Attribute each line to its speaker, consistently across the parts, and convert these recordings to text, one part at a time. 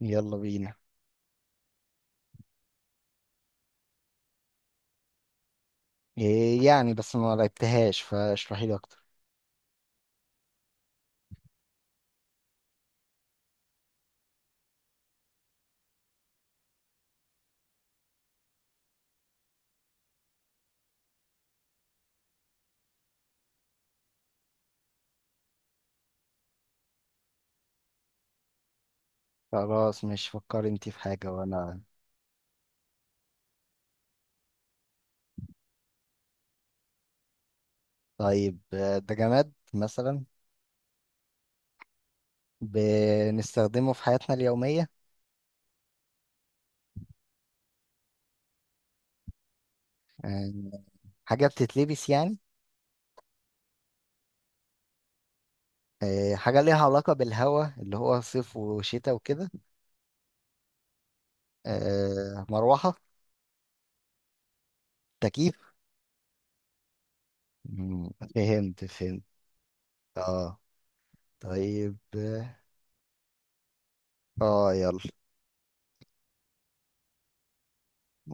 Speaker 1: يلا بينا. إيه يعني بس ما لعبتهاش، فاشرحي لي اكتر. خلاص، مش فكري انت في حاجة وانا. طيب، ده جماد مثلا؟ بنستخدمه في حياتنا اليومية. آه، حاجة بتتلبس يعني؟ حاجة ليها علاقة بالهواء اللي هو صيف وشتاء وكده؟ مروحة؟ تكييف. مم، فهمت فهمت. اه. طيب اه. يلا.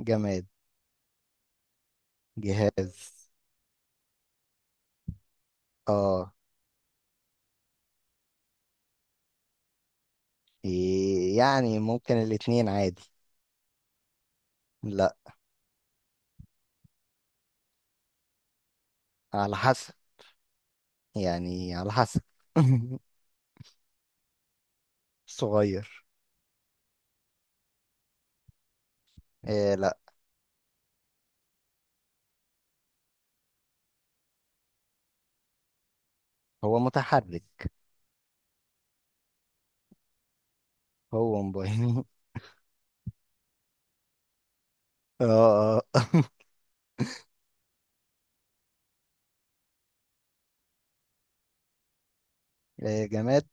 Speaker 1: جماد. جهاز. اه. إيه يعني، ممكن الاتنين عادي. لا. على حسب يعني، على حسب. صغير. إيه لا. هو متحرك. هو موبايل. اه. اه. إيه، جماد.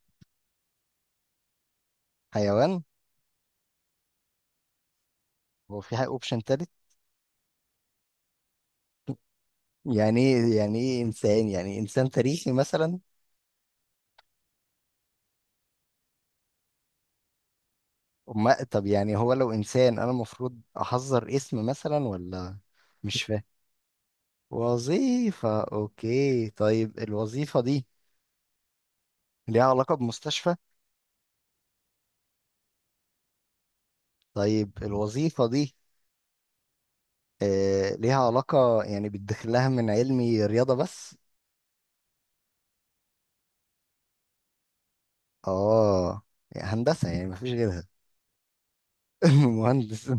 Speaker 1: حيوان. هو في اوبشن تالت؟ يعني ايه انسان، يعني انسان تاريخي مثلا؟ ما طب، يعني هو لو انسان انا المفروض احذر اسم مثلا ولا؟ مش فاهم. وظيفة. اوكي، طيب الوظيفة دي ليها علاقة بمستشفى؟ طيب الوظيفة دي ليها علاقة يعني بتدخل لها من علمي رياضة بس؟ اه. يعني هندسة، يعني مفيش غيرها. مهندس.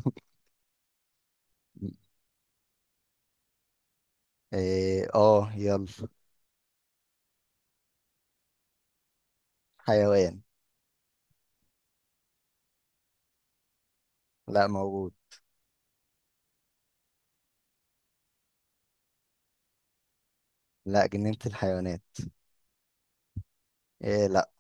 Speaker 1: إيه، اه يلا. حيوان. لا موجود. لا، جنينة الحيوانات. إيه لا.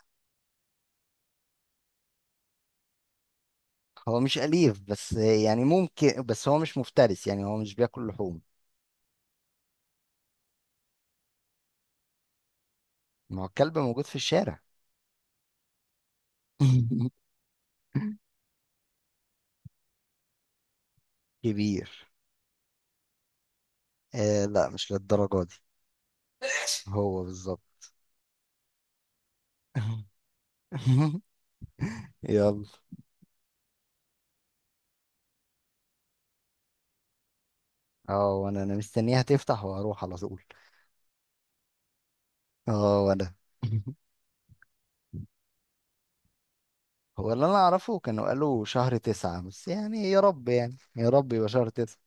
Speaker 1: هو مش أليف بس يعني ممكن، بس هو مش مفترس، يعني هو مش بياكل لحوم. ما هو الكلب موجود في الشارع. كبير. إيه لا، مش للدرجة دي. هو بالظبط. يلا. اه، وانا مستنيها تفتح وهروح على طول. اه وانا. هو اللي انا اعرفه كانوا قالوا شهر تسعة، بس يعني يا رب، يعني يا رب يبقى شهر تسعة.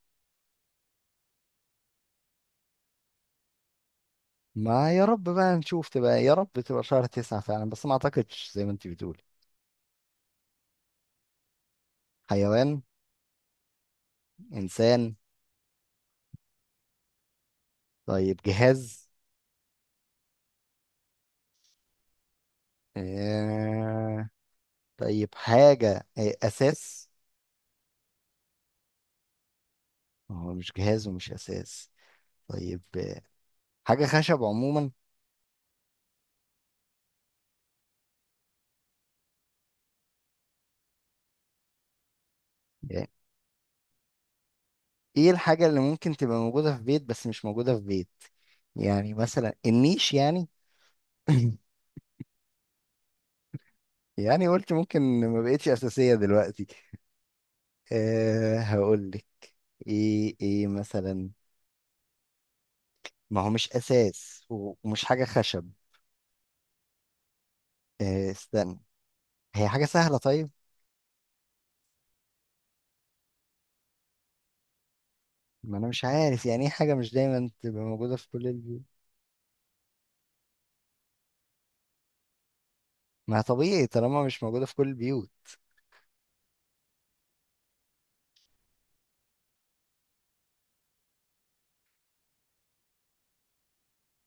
Speaker 1: ما يا رب بقى نشوف، تبقى يا رب تبقى شهر تسعة فعلا، بس ما اعتقدش زي ما انت بتقول. حيوان. انسان. طيب، جهاز. آه... طيب، حاجة. اساس. هو مش جهاز ومش اساس. طيب، حاجة خشب عموما. يعني ايه الحاجة اللي ممكن تبقى موجودة في بيت بس مش موجودة في بيت؟ يعني مثلا النيش يعني؟ يعني قلت ممكن. ما بقتش اساسيه دلوقتي. أه، هقول لك. ايه مثلا؟ ما هو مش اساس ومش حاجه خشب. أه استنى. هي حاجه سهله طيب. ما انا مش عارف، يعني ايه حاجه مش دايما تبقى موجوده في كل البيوت؟ ما طبيعي طالما مش موجوده في كل البيوت.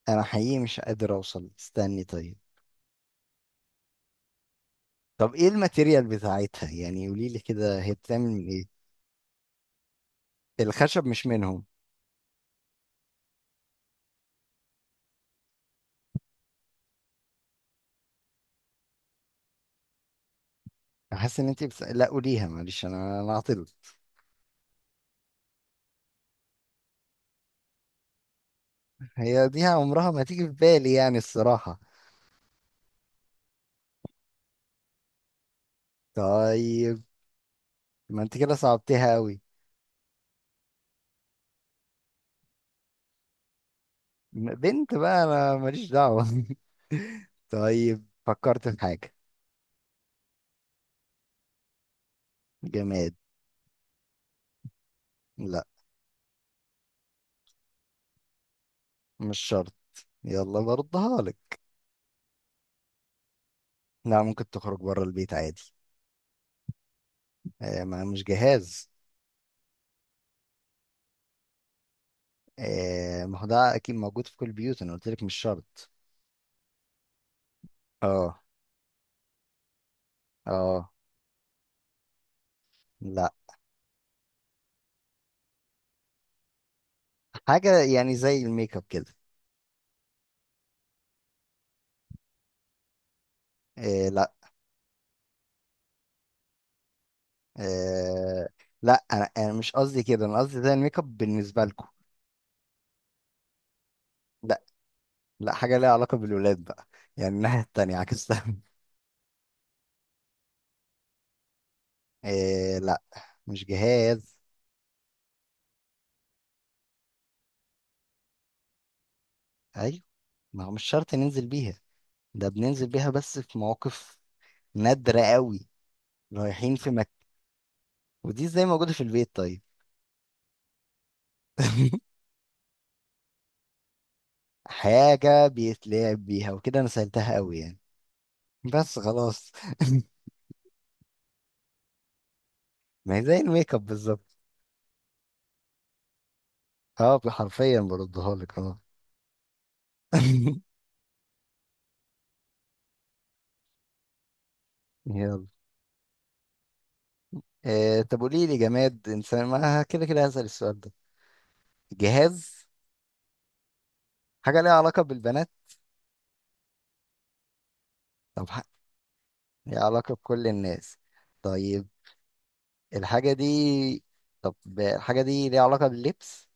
Speaker 1: انا حقيقي مش قادر اوصل، استني طيب. طب ايه الماتيريال بتاعتها؟ يعني قولي لي كده، هي بتعمل من ايه؟ الخشب مش منهم. حاسس ان انت بس... لا قوليها معلش، انا عاطل. هي دي عمرها ما تيجي في بالي يعني الصراحة. طيب. ما انت كده صعبتها قوي. بنت بقى انا ماليش دعوة. طيب، فكرت في حاجة. جماد. لا مش شرط. يلا بردها لك. لا، ممكن تخرج بره البيت عادي. آه، ما مش جهاز. آه، ما هو ده اكيد موجود في كل البيوت، انا قلت لك مش شرط. اه. اه. لا. حاجة يعني زي الميك اب كده. آه لا. آه، لا انا مش قصدي كده، انا قصدي زي الميك اب بالنسبة لكم. لا. لا، حاجة ليها علاقة بالولاد بقى. يعني الناحية التانية عكستها. إيه لا. مش جهاز. أيوة. ما هو مش شرط ننزل بيها، ده بننزل بيها بس في مواقف نادرة قوي. رايحين في مكة. ودي ازاي موجودة في البيت طيب؟ حاجة بيتلعب بيها وكده، أنا سألتها قوي يعني. بس خلاص. ما هي زي الميك اب بالظبط. اه، حرفيا بردها لك. اه. يلا. إيه، طب قولي لي جماد إنسان، ما كده كده هسأل السؤال ده. جهاز. حاجة ليها علاقة بالبنات. طب ح- ليها علاقة بكل الناس؟ طيب. الحاجة دي. طب الحاجة دي ليها علاقة باللبس؟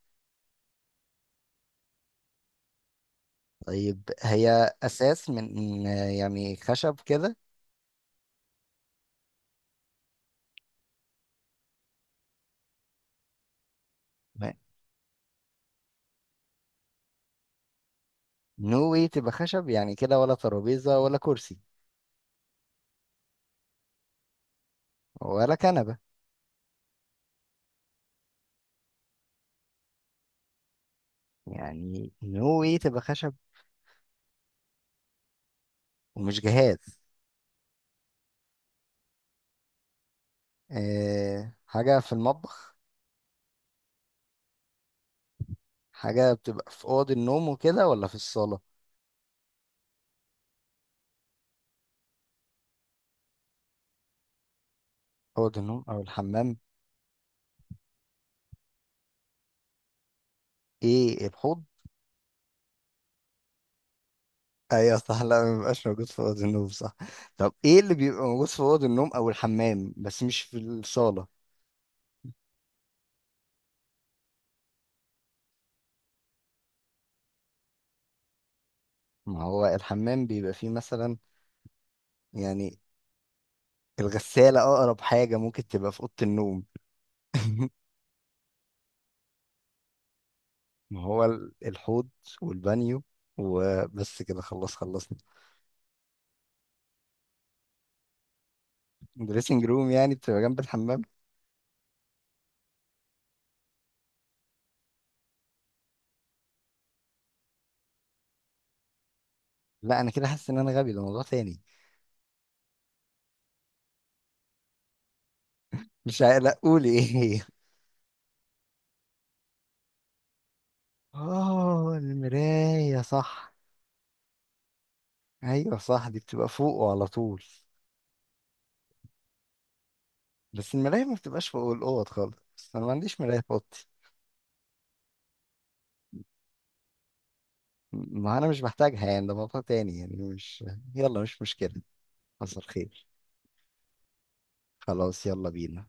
Speaker 1: طيب، هي أساس من، يعني خشب كده؟ ما- نوي تبقى خشب، يعني كده؟ ولا ترابيزة ولا كرسي؟ ولا كنبة؟ يعني نوي تبقى خشب ومش جهاز. أه، حاجة في المطبخ؟ حاجة بتبقى في أوض النوم وكده ولا في الصالة؟ أوض النوم أو الحمام. إيه، الحوض؟ ايوه صح، لا ما بيبقاش موجود في اوضه النوم صح. طب ايه اللي بيبقى موجود في اوضه النوم او الحمام بس مش في الصاله؟ ما هو الحمام بيبقى فيه مثلا، يعني الغساله اقرب حاجه ممكن تبقى في اوضه النوم. ما هو ال- الحوض والبانيو، وبس كده خلاص خلصنا. دريسنج روم يعني بتبقى جنب الحمام. لا، انا كده حاسس ان انا غبي، ده موضوع تاني. مش عا- لا قولي. ايه هي؟ اه، المرايه صح. ايوه صح، دي بتبقى فوقه على طول. بس المراية ما بتبقاش فوق الأوض خالص، بس أنا ما عنديش مراية في أوضتي. ما أنا مش بحتاجها يعني، ده موضوع تاني يعني مش. يلا مش مشكلة، حصل خير. خلاص يلا بينا.